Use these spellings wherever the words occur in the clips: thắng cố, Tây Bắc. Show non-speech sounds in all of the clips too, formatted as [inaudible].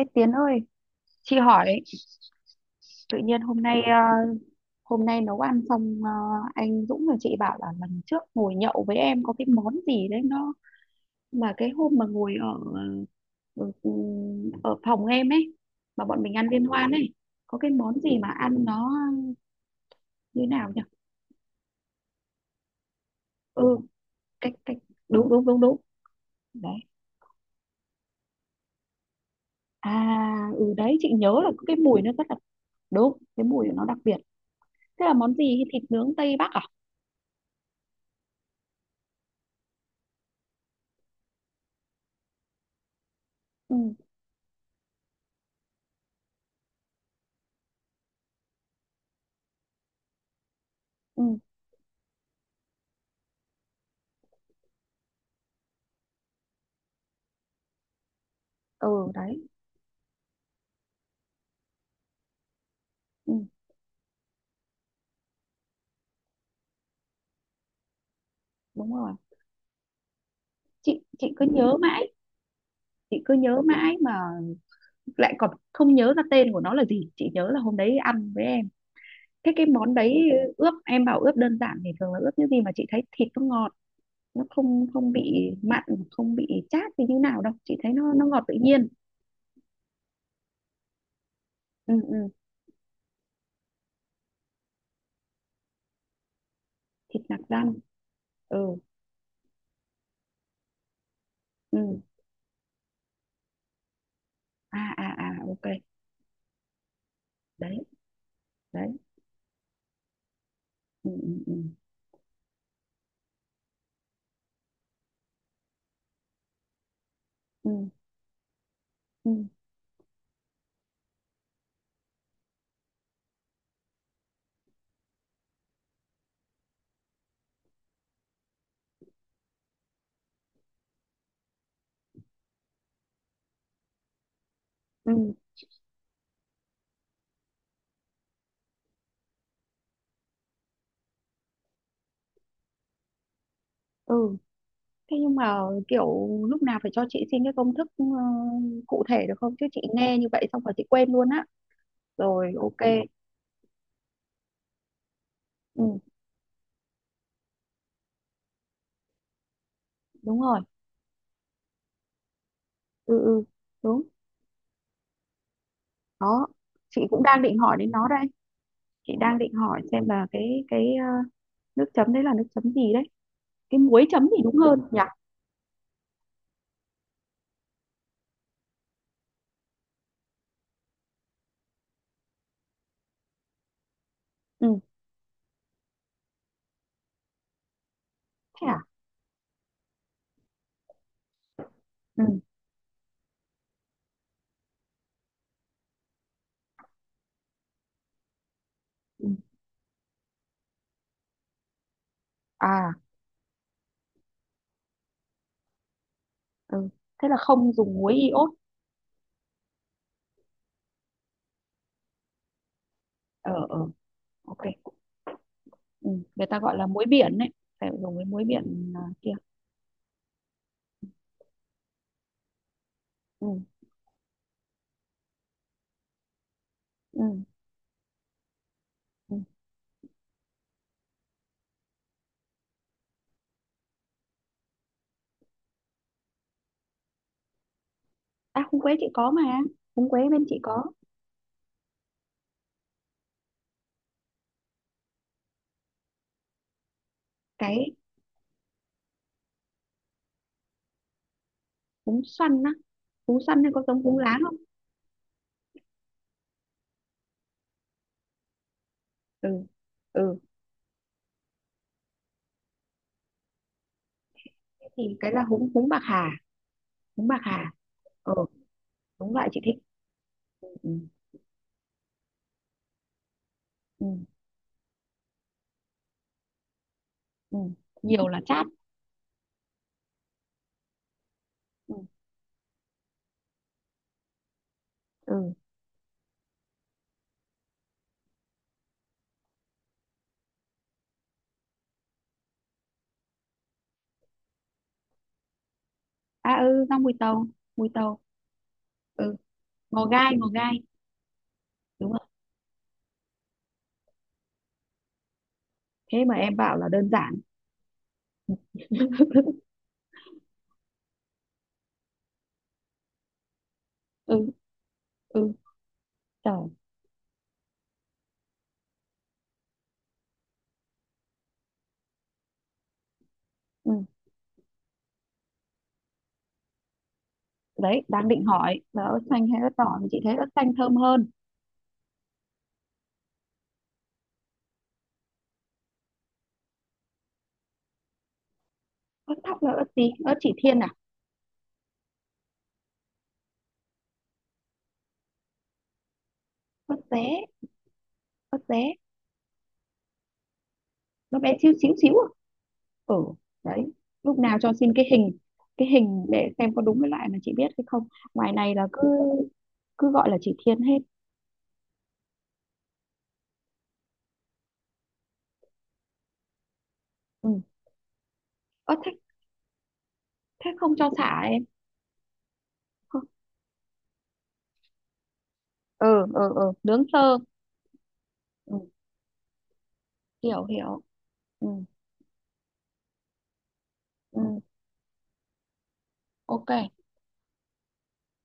Ê Tiến ơi, chị hỏi tự nhiên hôm nay hôm nay nấu ăn xong anh Dũng và chị bảo là lần trước ngồi nhậu với em có cái món gì đấy nó mà cái hôm mà ngồi ở ở, ừ, ở phòng em ấy mà bọn mình ăn liên hoan ấy có cái món gì mà ăn nó như nào nhỉ? Ừ, cách cách đúng đúng đúng đúng đấy. À ừ, đấy chị nhớ là có cái mùi nó rất là đúng, cái mùi nó đặc biệt. Thế là món gì, thịt nướng Tây Bắc à? Ừ ừ ừ, đấy. Ừ, đúng rồi, chị cứ nhớ mãi, chị cứ nhớ mãi mà lại còn không nhớ ra tên của nó là gì. Chị nhớ là hôm đấy ăn với em. Thế cái món đấy ướp, em bảo ướp đơn giản thì thường là ướp những gì mà chị thấy thịt nó ngọt, nó không không bị mặn, không bị chát thì như nào đâu, chị thấy nó ngọt tự nhiên. Ừ, ừ. Thịt nạc răm. Ừ ừ. À à à, ok. Đấy. Đấy. Ừ ừ ừ. Ừ ừ ừ, ừ. Thế nhưng mà kiểu lúc nào phải cho chị xin cái công thức cụ thể được không? Chứ chị nghe như vậy xong rồi chị quên luôn á. Rồi, ok. Ừ, đúng rồi. Ừ ừ, đúng. Đó. Chị cũng đang định hỏi đến nó đây. Chị đang định hỏi xem là cái nước chấm đấy là nước chấm gì đấy. Cái muối chấm thì đúng hơn nhỉ? Ừ, thế à? Ừ. Ừ. À, ừ. Thế là không dùng muối iốt. Ờ ờ, ok. Ừ, người ta gọi là muối biển đấy. Phải dùng cái muối biển à, kia. Ừ. Ừ. Ừ. À, húng quế chị có mà. Húng quế bên chị có. Cái húng xoăn á. Húng xoăn hay có giống húng láng không? Ừ. Ừ. Thế thì cái là húng húng bạc hà, húng bạc hà. Ừ, đúng loại chị thích. Ừ. Ừ. Ừ. Nhiều là chát. Ừ. Ừ. À ừ, rau mùi tàu, mùi tàu. Ừ, ngò gai, ngò gai. Đúng rồi. Thế mà em bảo là đơn giản. [laughs] Ừ, ừ, trời. Ừ. Đấy, đang định hỏi là ớt xanh hay ớt đỏ thì chị thấy ớt xanh thơm hơn. Ớt thóc là ớt gì? Ớt chỉ thiên à? Ớt dế, ớt dế. Nó bé xíu xíu xíu à. Ừ, đấy, lúc nào cho xin cái hình, cái hình để xem có đúng cái loại mà chị biết hay không. Ngoài này là cứ cứ gọi là chỉ thiên hết. Ừ. Ơ thế, thế không cho xả em? Không. Ừ ừ ừ, nướng sơ. Ừ, hiểu hiểu. Ừ, ừ, ok.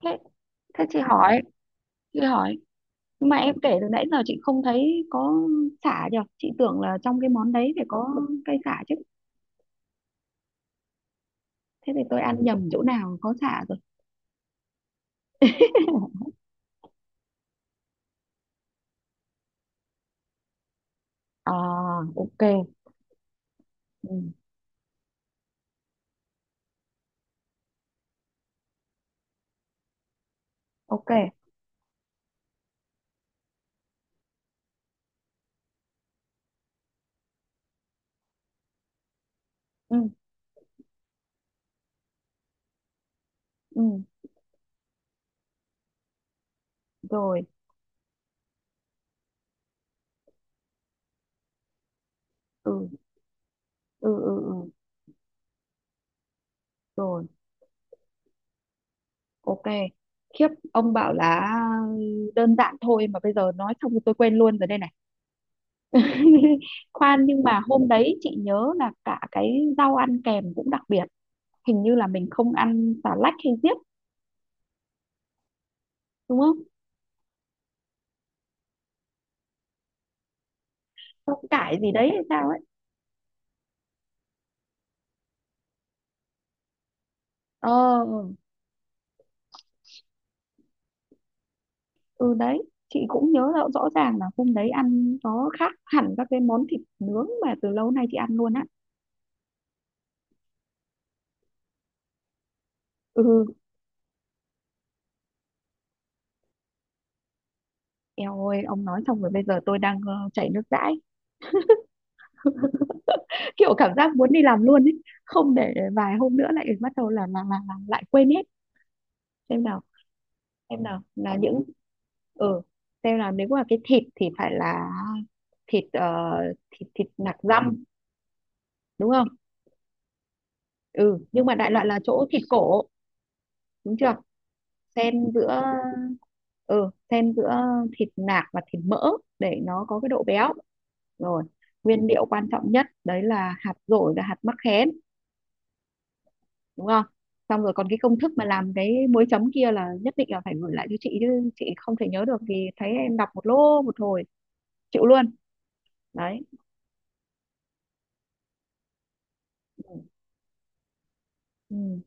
Thế, thế chị hỏi, chị hỏi nhưng mà em kể từ nãy giờ chị không thấy có sả nhở, chị tưởng là trong cái món đấy phải có cây sả chứ. Thế thì tôi ăn nhầm chỗ nào có sả rồi. [laughs] À, ok. Ừ, ok. Ừ. Ừ. Rồi. Ừ ừ ừ ừ. rồi, ok. Khiếp, ông bảo là đơn giản thôi mà bây giờ nói xong thì tôi quên luôn rồi đây này. [laughs] Khoan, nhưng mà hôm đấy chị nhớ là cả cái rau ăn kèm cũng đặc biệt. Hình như là mình không ăn xà lách hay diếp, đúng không? Rau cải gì đấy hay sao ấy. Ờ, ừ, đấy, chị cũng nhớ rõ, rõ ràng là hôm đấy ăn nó khác hẳn các cái món thịt nướng mà từ lâu nay chị ăn luôn á. Ừ. Eo ơi, ông nói xong rồi bây giờ tôi đang chảy nước dãi, kiểu cảm giác muốn đi làm luôn ấy, không để vài hôm nữa lại bắt đầu là lại quên hết. Xem nào, xem nào là những, ừ, xem nào, nếu mà cái thịt thì phải là thịt thịt thịt nạc dăm, đúng không? Ừ, nhưng mà đại loại là chỗ thịt cổ. Đúng chưa. Xen giữa. Ừ, xen giữa thịt nạc và thịt mỡ để nó có cái độ béo. Rồi. Nguyên liệu quan trọng nhất đấy là hạt dổi và hạt mắc khén, đúng không? Xong rồi còn cái công thức mà làm cái muối chấm kia là nhất định là phải gửi lại cho chị, chứ chị không thể nhớ được vì thấy em đọc một lô một hồi, chịu luôn. Đấy. Ừ. Ừ.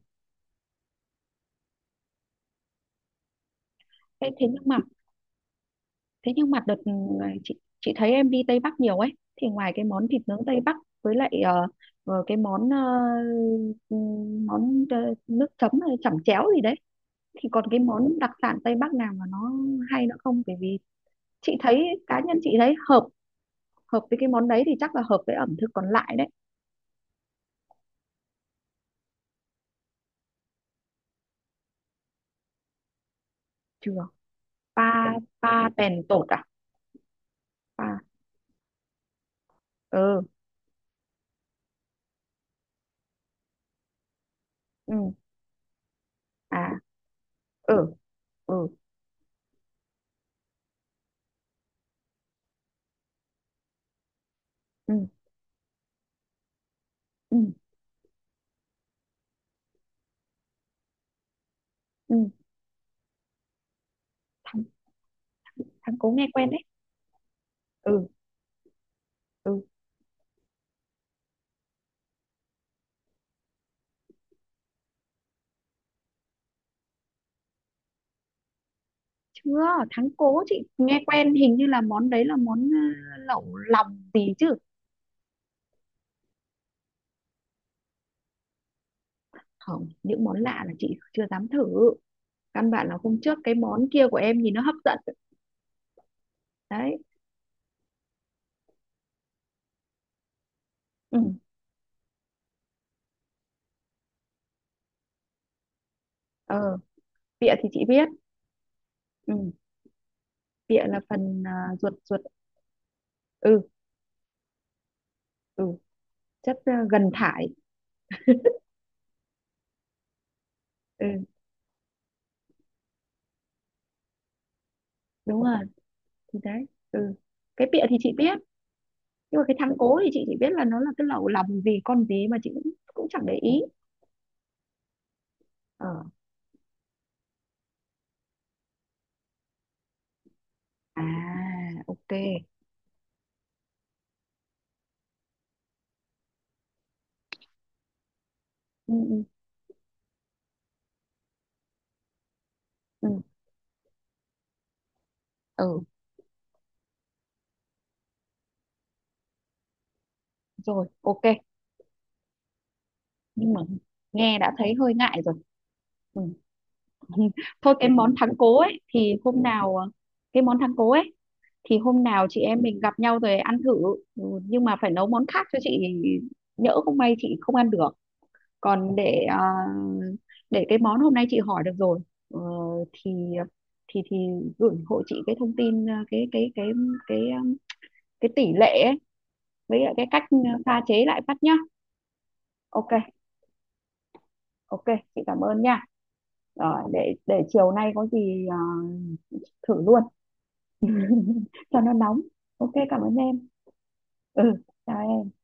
Thế, thế nhưng mà, thế nhưng mà đợt ừ, chị chị thấy em đi Tây Bắc nhiều ấy, thì ngoài cái món thịt nướng Tây Bắc với lại cái món ừ, món nước chấm hay chẩm chéo gì đấy, thì còn cái món đặc sản Tây Bắc nào mà nó hay nữa không? Bởi vì chị thấy, cá nhân chị thấy hợp, hợp với cái món đấy thì chắc là hợp với ẩm thực còn lại đấy. Chưa. Pa, pa bèn tột à? Pa. Ừ. Ừ. À. Ừ. Ừ. Ừ. Ừ. Ừ. thắng thắng cố nghe quen đấy. Ừ. Ừ. Chưa. Thắng cố chị nghe quen, hình như là món đấy là món lẩu lòng gì chứ. Không, những món lạ là chị chưa dám thử, căn bản là hôm trước cái món kia của em nhìn nó hấp dẫn. Đấy. Ừ. Ờ, bịa thì chị biết. Ừ. Bịa là phần ruột, ruột. Ừ. Ừ. Chất gần thải. Ừ. Đúng rồi, thì đấy. Ừ. Cái pịa thì chị biết, nhưng mà cái thắng cố thì chị chỉ biết là nó là cái lẩu lòng gì con gì mà chị cũng cũng chẳng để ý. Ờ. À, ok. Ừ, ừ, ừ, ừ. rồi, ok. Nhưng mà nghe đã thấy hơi ngại rồi. Ừ. [laughs] Thôi, cái món thắng cố ấy thì hôm nào cái món thắng cố ấy thì hôm nào chị em mình gặp nhau rồi ăn thử. Ừ, nhưng mà phải nấu món khác cho chị, nhỡ không may chị không ăn được. Còn để à, để cái món hôm nay chị hỏi được rồi. Ờ, thì thì gửi hộ chị cái thông tin à, cái cái um, cái tỷ lệ ấy, với lại cái cách pha chế lại phát nhá. Ok, ok, chị cảm ơn nha. Rồi, để chiều nay có gì à, thử luôn. [laughs] Cho nó nóng. Ok, cảm ơn em. Ừ, chào em.